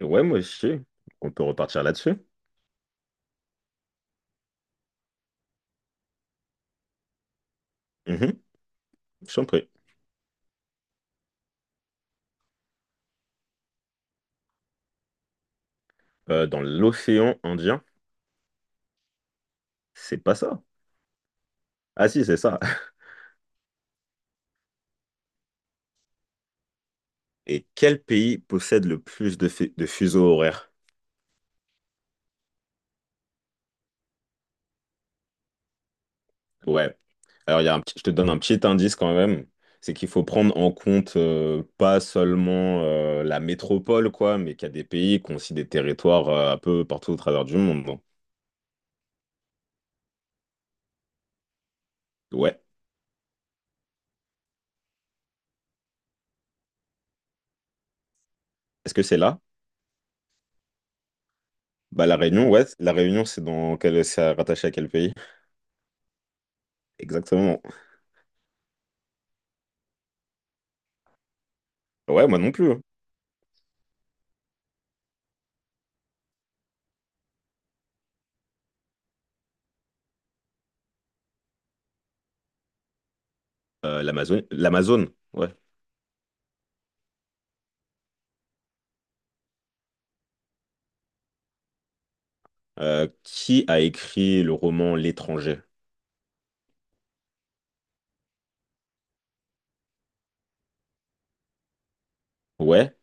Ouais, moi aussi. On peut repartir là-dessus. Mhm, je t'en prie. Dans l'océan Indien, c'est pas ça. Ah si, c'est ça. Et quel pays possède le plus de, de fuseaux horaires? Ouais. Alors, il y a je te donne un petit indice quand même. C'est qu'il faut prendre en compte pas seulement la métropole, quoi, mais qu'il y a des pays qui ont aussi des territoires un peu partout au travers du monde, hein. Ouais. Est-ce que c'est là? Bah, la Réunion, ouais. La Réunion, c'est dans quel... c'est rattaché à quel pays? Exactement. Ouais, moi non plus, hein. L'Amazon, l'Amazone, ouais. Qui a écrit le roman L'étranger? Ouais.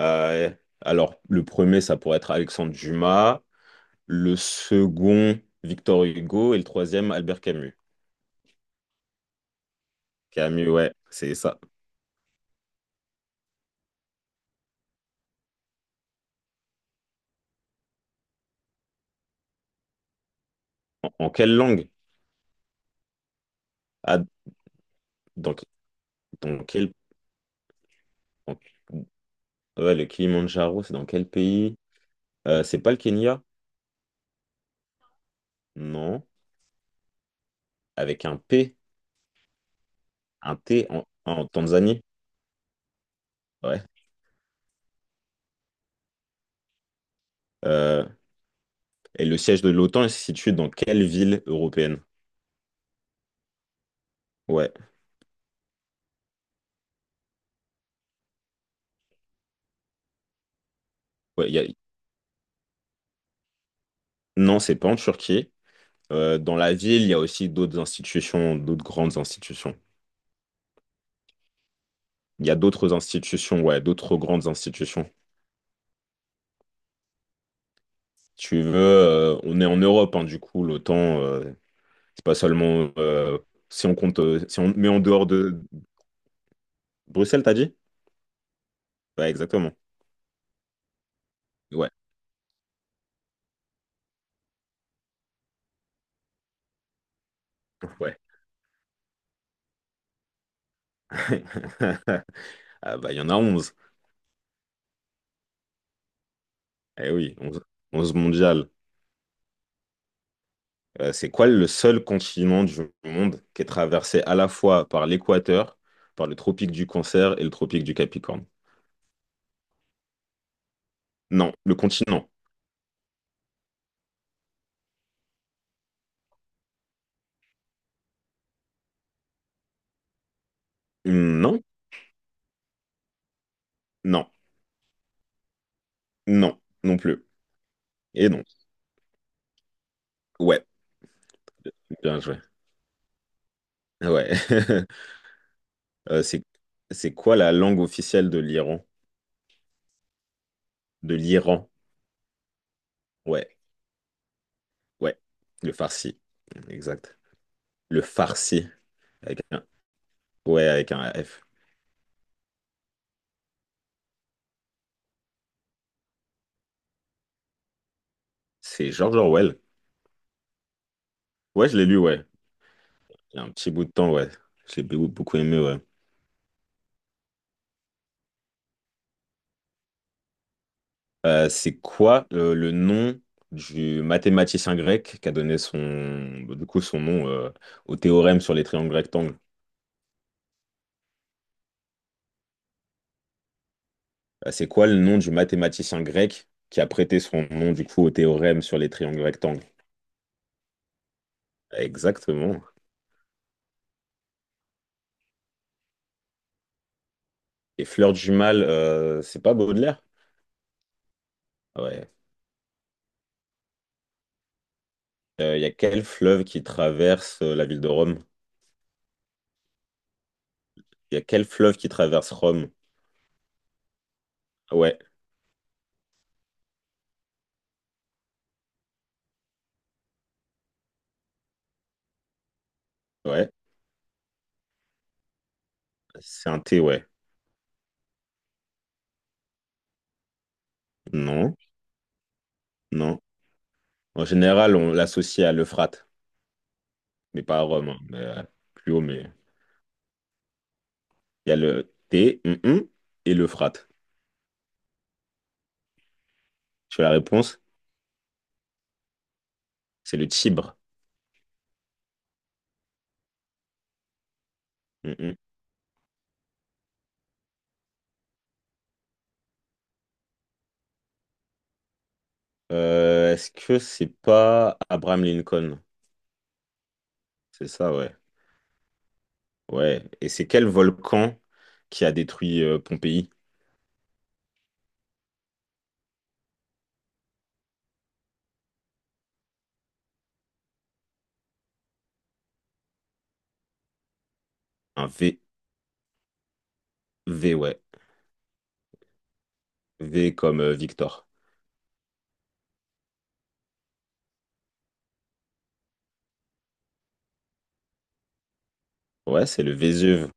Euh, alors, le premier, ça pourrait être Alexandre Dumas. Le second, Victor Hugo. Et le troisième, Albert Camus. Camus, ouais, c'est ça. En quelle langue? Ah, dans, dans quel... en- ouais, le Kilimandjaro, c'est dans quel pays? C'est pas le Kenya? Non. Avec un P, un T en Tanzanie? Ouais. Euh, et le siège de l'OTAN est situé dans quelle ville européenne? Ouais, ouais, non, c'est pas en Turquie. Dans la ville, il y a aussi d'autres institutions, d'autres grandes institutions. Il y a d'autres institutions, ouais, d'autres grandes institutions. Si tu veux, on est en Europe, hein, du coup, l'OTAN, c'est pas seulement si on compte, si on met en dehors de Bruxelles, t'as dit? Ouais, exactement. Ouais, ouais. Ah bah, il y en a 11. Eh oui, 11, 11 mondiales. C'est quoi le seul continent du monde qui est traversé à la fois par l'équateur, par le tropique du Cancer et le tropique du Capricorne? Non, le continent. Non, non, non, non plus. Et non. Ouais, bien joué. Ouais. Euh, c'est, c'est quoi la langue officielle de l'Iran? De l'Iran. Ouais, ouais. Le farsi. Exact. Le farsi. Avec un... Ouais, avec un F. C'est George Orwell. Ouais, je l'ai lu, ouais. Il y a un petit bout de temps, ouais. J'ai beaucoup beaucoup aimé, ouais. C'est quoi le nom du mathématicien grec qui a donné son, du coup, son nom au théorème sur les triangles rectangles? C'est quoi le nom du mathématicien grec qui a prêté son nom du coup au théorème sur les triangles rectangles? Exactement. Et Fleur du Mal, c'est pas Baudelaire? Ah ouais. Il y a quel fleuve qui traverse la ville de Rome? Il y a quel fleuve qui traverse Rome? Ah ouais, ouais. C'est un T, ouais. Non, non. En général, on l'associe à l'Euphrate, mais pas à Rome, hein, mais, plus haut, mais il y a le T et l'Euphrate. Tu as la réponse? C'est le Tibre. Hum, hum. Est-ce que c'est pas Abraham Lincoln? C'est ça, ouais. Ouais. Et c'est quel volcan qui a détruit Pompéi? Un V. V, ouais. V comme Victor. Ouais, c'est le Vésuve.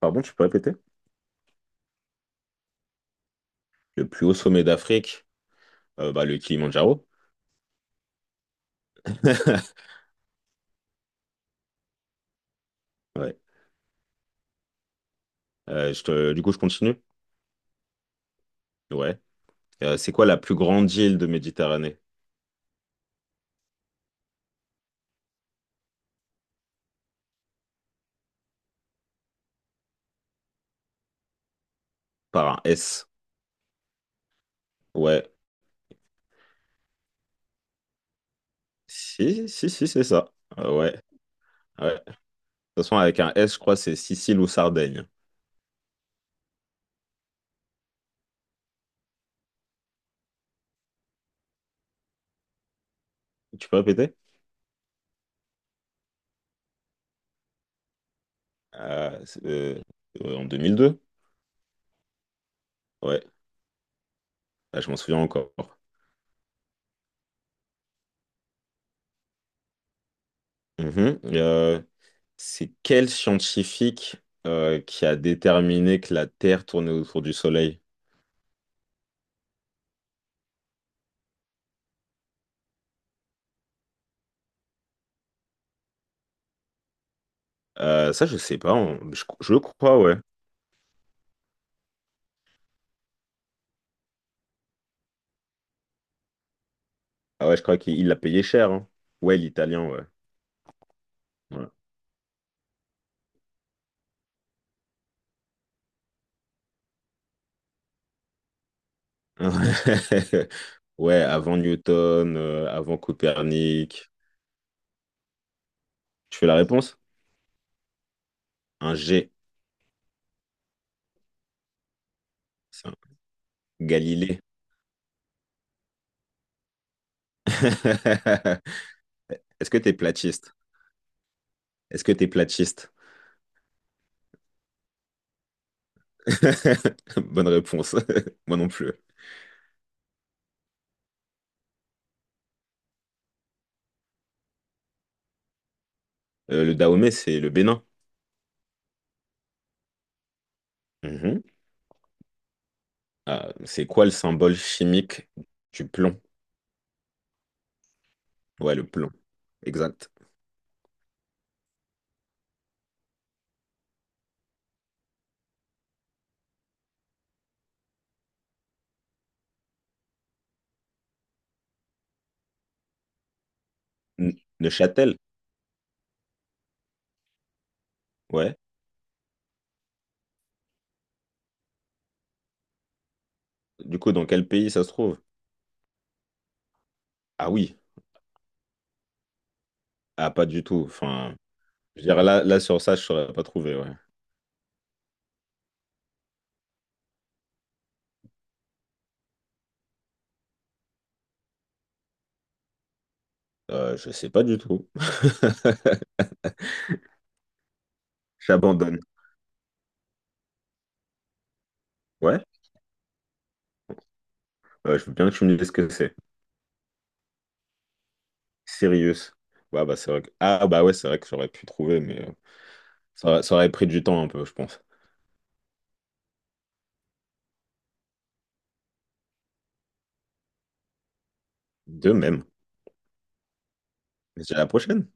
Pardon, tu peux répéter? Le plus haut sommet d'Afrique, bah, le Kilimandjaro. Ouais. Du coup, je continue. Ouais. C'est quoi la plus grande île de Méditerranée? Par un S. Ouais. Si, si, si, c'est ça. Ouais. Ouais. De toute façon, avec un S, je crois, c'est Sicile ou Sardaigne. Tu peux répéter? C'est, en 2002? Ouais. Ah, je m'en souviens encore. Mhm. C'est quel scientifique qui a déterminé que la Terre tournait autour du Soleil? Ça, je sais pas. Je crois, ouais. Ah ouais, je crois qu'il il l'a payé cher, hein. Ouais, l'italien, ouais. Ouais. Ouais, avant Newton, avant Copernic. Tu fais la réponse? Un G. C'est un Galilée. Est-ce que t'es platiste? Est-ce que t'es platiste? Bonne réponse. Moi non plus. Le Dahomey, c'est le Bénin. Mhm. Ah, c'est quoi le symbole chimique du plomb? Ouais, le plomb. Exact. Neuchâtel? Ouais. Du coup, dans quel pays ça se trouve? Ah oui. Ah, pas du tout. Enfin, je veux dire, là, là sur ça, je saurais pas trouver, ouais. Je sais pas du tout. J'abandonne. Ouais, je veux bien que tu me dises ce que c'est. Sirius. Ouais, bah c'est vrai que... Ah bah ouais, c'est vrai que j'aurais pu trouver, mais ça aurait pris du temps un peu, je pense. De même. Mais c'est à la prochaine.